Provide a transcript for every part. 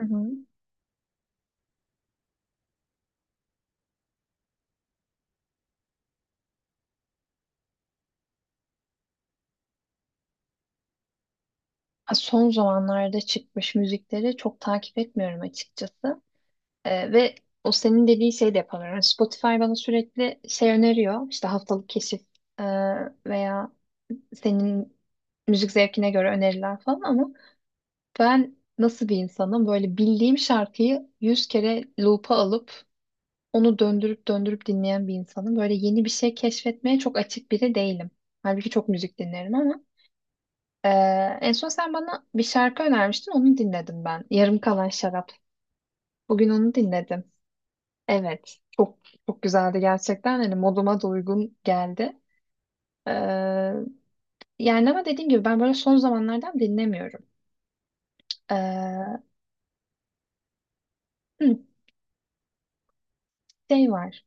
Hı hı. Ha, son zamanlarda çıkmış müzikleri çok takip etmiyorum açıkçası. Ve o senin dediği şey de yapamıyorum. Yani Spotify bana sürekli şey öneriyor. İşte haftalık keşif e, veya senin müzik zevkine göre öneriler falan, ama ben nasıl bir insanım? Böyle bildiğim şarkıyı yüz kere loop'a alıp onu döndürüp döndürüp dinleyen bir insanım. Böyle yeni bir şey keşfetmeye çok açık biri değilim. Halbuki çok müzik dinlerim ama Ee, en son sen bana bir şarkı önermiştin, onu dinledim ben. Yarım Kalan Şarap. Bugün onu dinledim. Evet, çok güzeldi gerçekten. Hani moduma da uygun geldi. Ee, yani ama dediğim gibi ben böyle son zamanlardan dinlemiyorum. Ee, hı, şey var.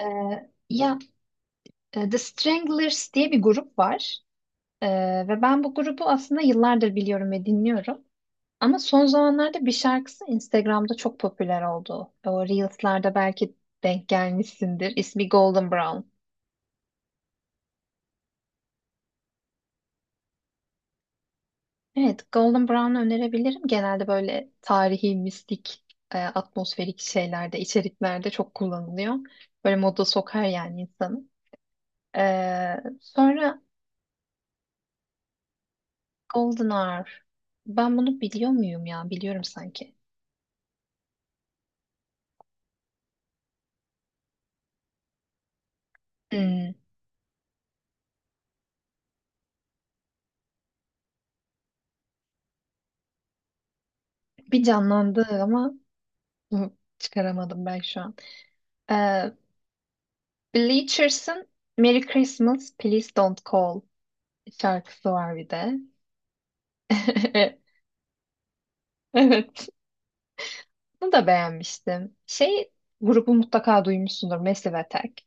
Ee, ya The Stranglers diye bir grup var. Ve ben bu grubu aslında yıllardır biliyorum ve dinliyorum. Ama son zamanlarda bir şarkısı Instagram'da çok popüler oldu. O Reels'larda belki denk gelmişsindir. İsmi Golden Brown. Evet, Golden Brown'u önerebilirim. Genelde böyle tarihi, mistik, atmosferik şeylerde, içeriklerde çok kullanılıyor. Böyle moda sokar yani insanı. E, sonra Golden Hour. Ben bunu biliyor muyum ya? Biliyorum sanki. Hmm, bir canlandı ama hı, çıkaramadım ben şu an. E, Bleachers'ın Merry Christmas, Please Don't Call şarkısı var bir de. Evet, bunu da beğenmiştim. Şey, grubu mutlaka duymuşsundur, Massive Attack.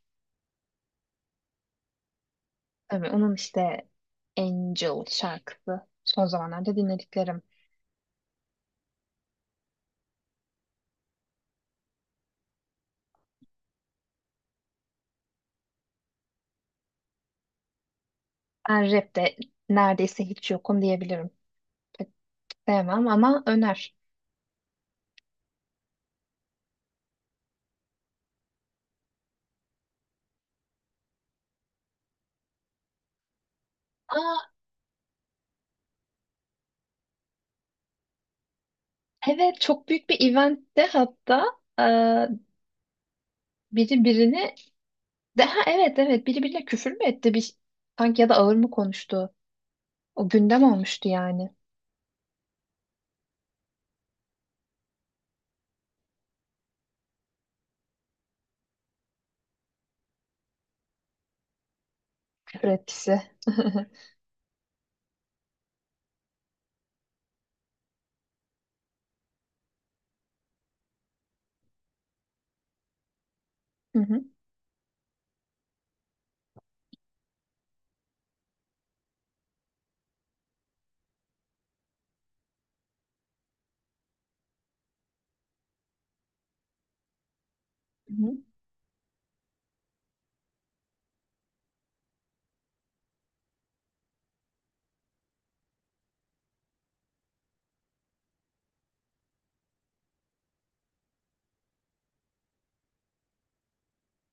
Tabii onun işte Angel şarkısı. Son zamanlarda dinlediklerim. Ben rapte neredeyse hiç yokum diyebilirim. Pek sevmem ama öner. Aa, evet çok büyük bir eventte hatta eee, biri birini ha evet evet, biri birine küfür mü etti bir sanki, ya da ağır mı konuştu? O gündem olmuştu yani. Küfür etkisi. Hı hı, hı hı.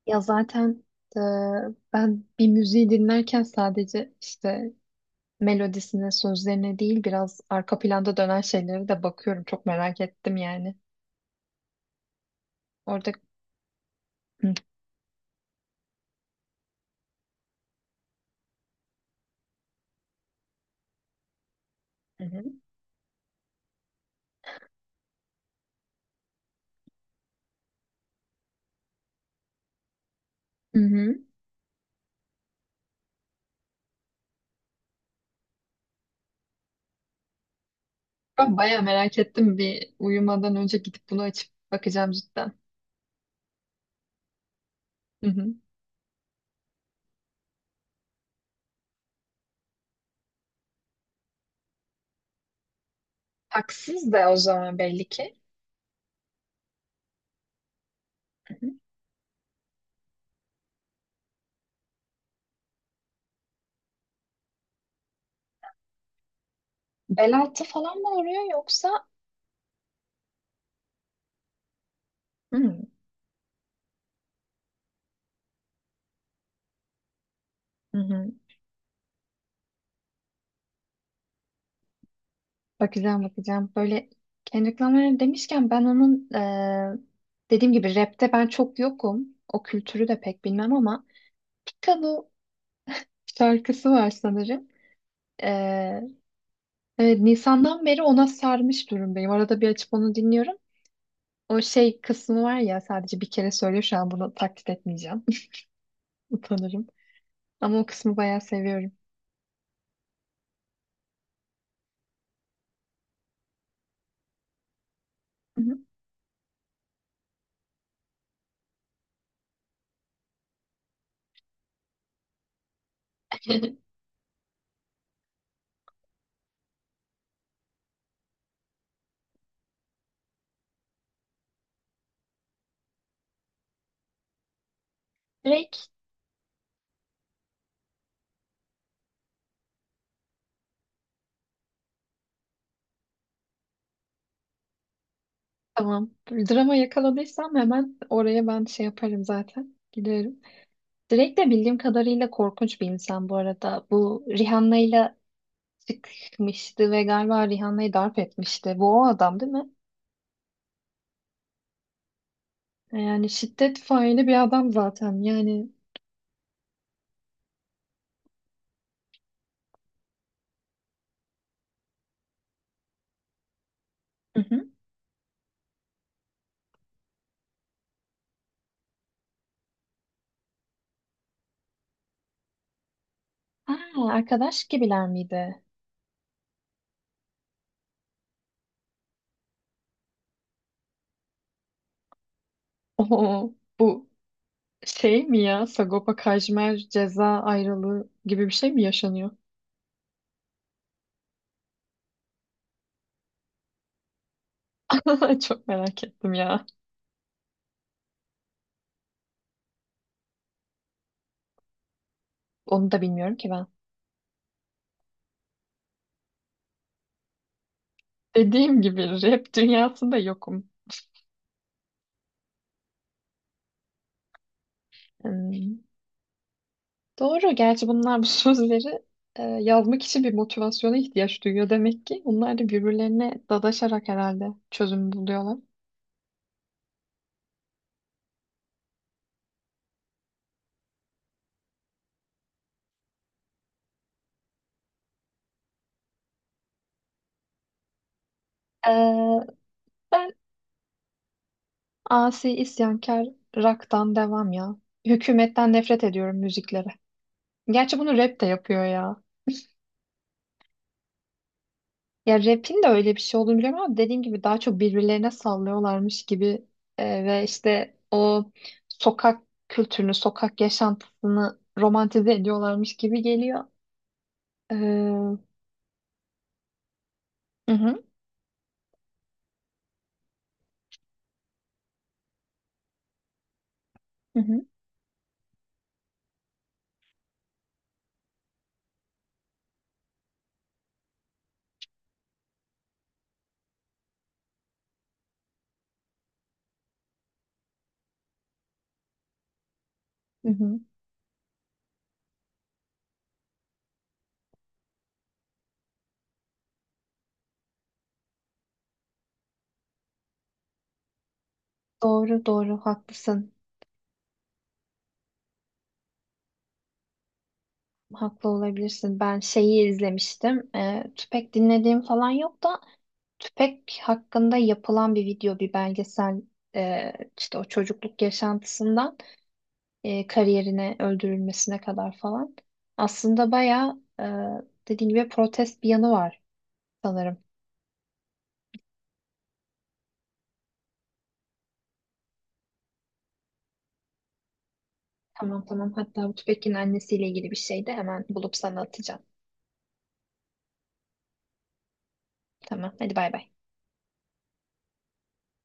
Ya zaten e, ben bir müziği dinlerken sadece işte melodisine, sözlerine değil biraz arka planda dönen şeylere de bakıyorum. Çok merak ettim yani. Orada. Hı hı. Hı hı. Ben bayağı merak ettim. Bir uyumadan önce gidip bunu açıp bakacağım cidden. Hı hı. Haksız da o zaman belli ki. Hı hı. Bel altı falan mı oluyor yoksa? Hı hı. Hı hı. Bakacağım, bakacağım. Böyle Kendrick Lamar demişken ben onun dediğim gibi rapte ben çok yokum. O kültürü de pek bilmem ama Piccolo şarkısı var sanırım. Eee, evet, Nisan'dan beri ona sarmış durumdayım. Arada bir açıp onu dinliyorum. O şey kısmı var ya, sadece bir kere söylüyor, şu an bunu taklit etmeyeceğim. Utanırım. Ama o kısmı bayağı seviyorum. Hı hı. Drake, tamam. Drama yakaladıysam hemen oraya ben şey yaparım zaten. Giderim. Drake de bildiğim kadarıyla korkunç bir insan bu arada. Bu Rihanna'yla çıkmıştı ve galiba Rihanna'yı darp etmişti. Bu o adam değil mi? Yani şiddet faili bir adam zaten. Yani. Hı hı. Aa, arkadaş gibiler miydi? Oo, bu şey mi ya? Sagopa Kajmer ceza ayrılığı gibi bir şey mi yaşanıyor? Çok merak ettim ya. Onu da bilmiyorum ki ben. Dediğim gibi rap dünyasında yokum. Hmm. Doğru. Gerçi bunlar bu sözleri yazmak için bir motivasyona ihtiyaç duyuyor demek ki. Bunlar da birbirlerine dadaşarak herhalde çözüm buluyorlar. Ee, ben asi isyankar rock'tan devam ya. Hükümetten nefret ediyorum müziklere. Gerçi bunu rap de yapıyor ya. Ya rap'in de öyle bir şey olduğunu biliyorum ama dediğim gibi daha çok birbirlerine sallıyorlarmış gibi ve işte o sokak kültürünü, sokak yaşantısını romantize ediyorlarmış gibi geliyor. Hı hı. Hı hı, hı hı. Doğru doğru, haklısın. Haklı olabilirsin. Ben şeyi izlemiştim. Tüpek dinlediğim falan yok da Tüpek hakkında yapılan bir video, bir belgesel, e, işte o çocukluk yaşantısından kariyerine, öldürülmesine kadar falan. Aslında bayağı, dediğim gibi, protest bir yanı var sanırım. Tamam tamam. Hatta bu Tüpek'in annesiyle ilgili bir şey de hemen bulup sana atacağım. Tamam. Hadi bay bay.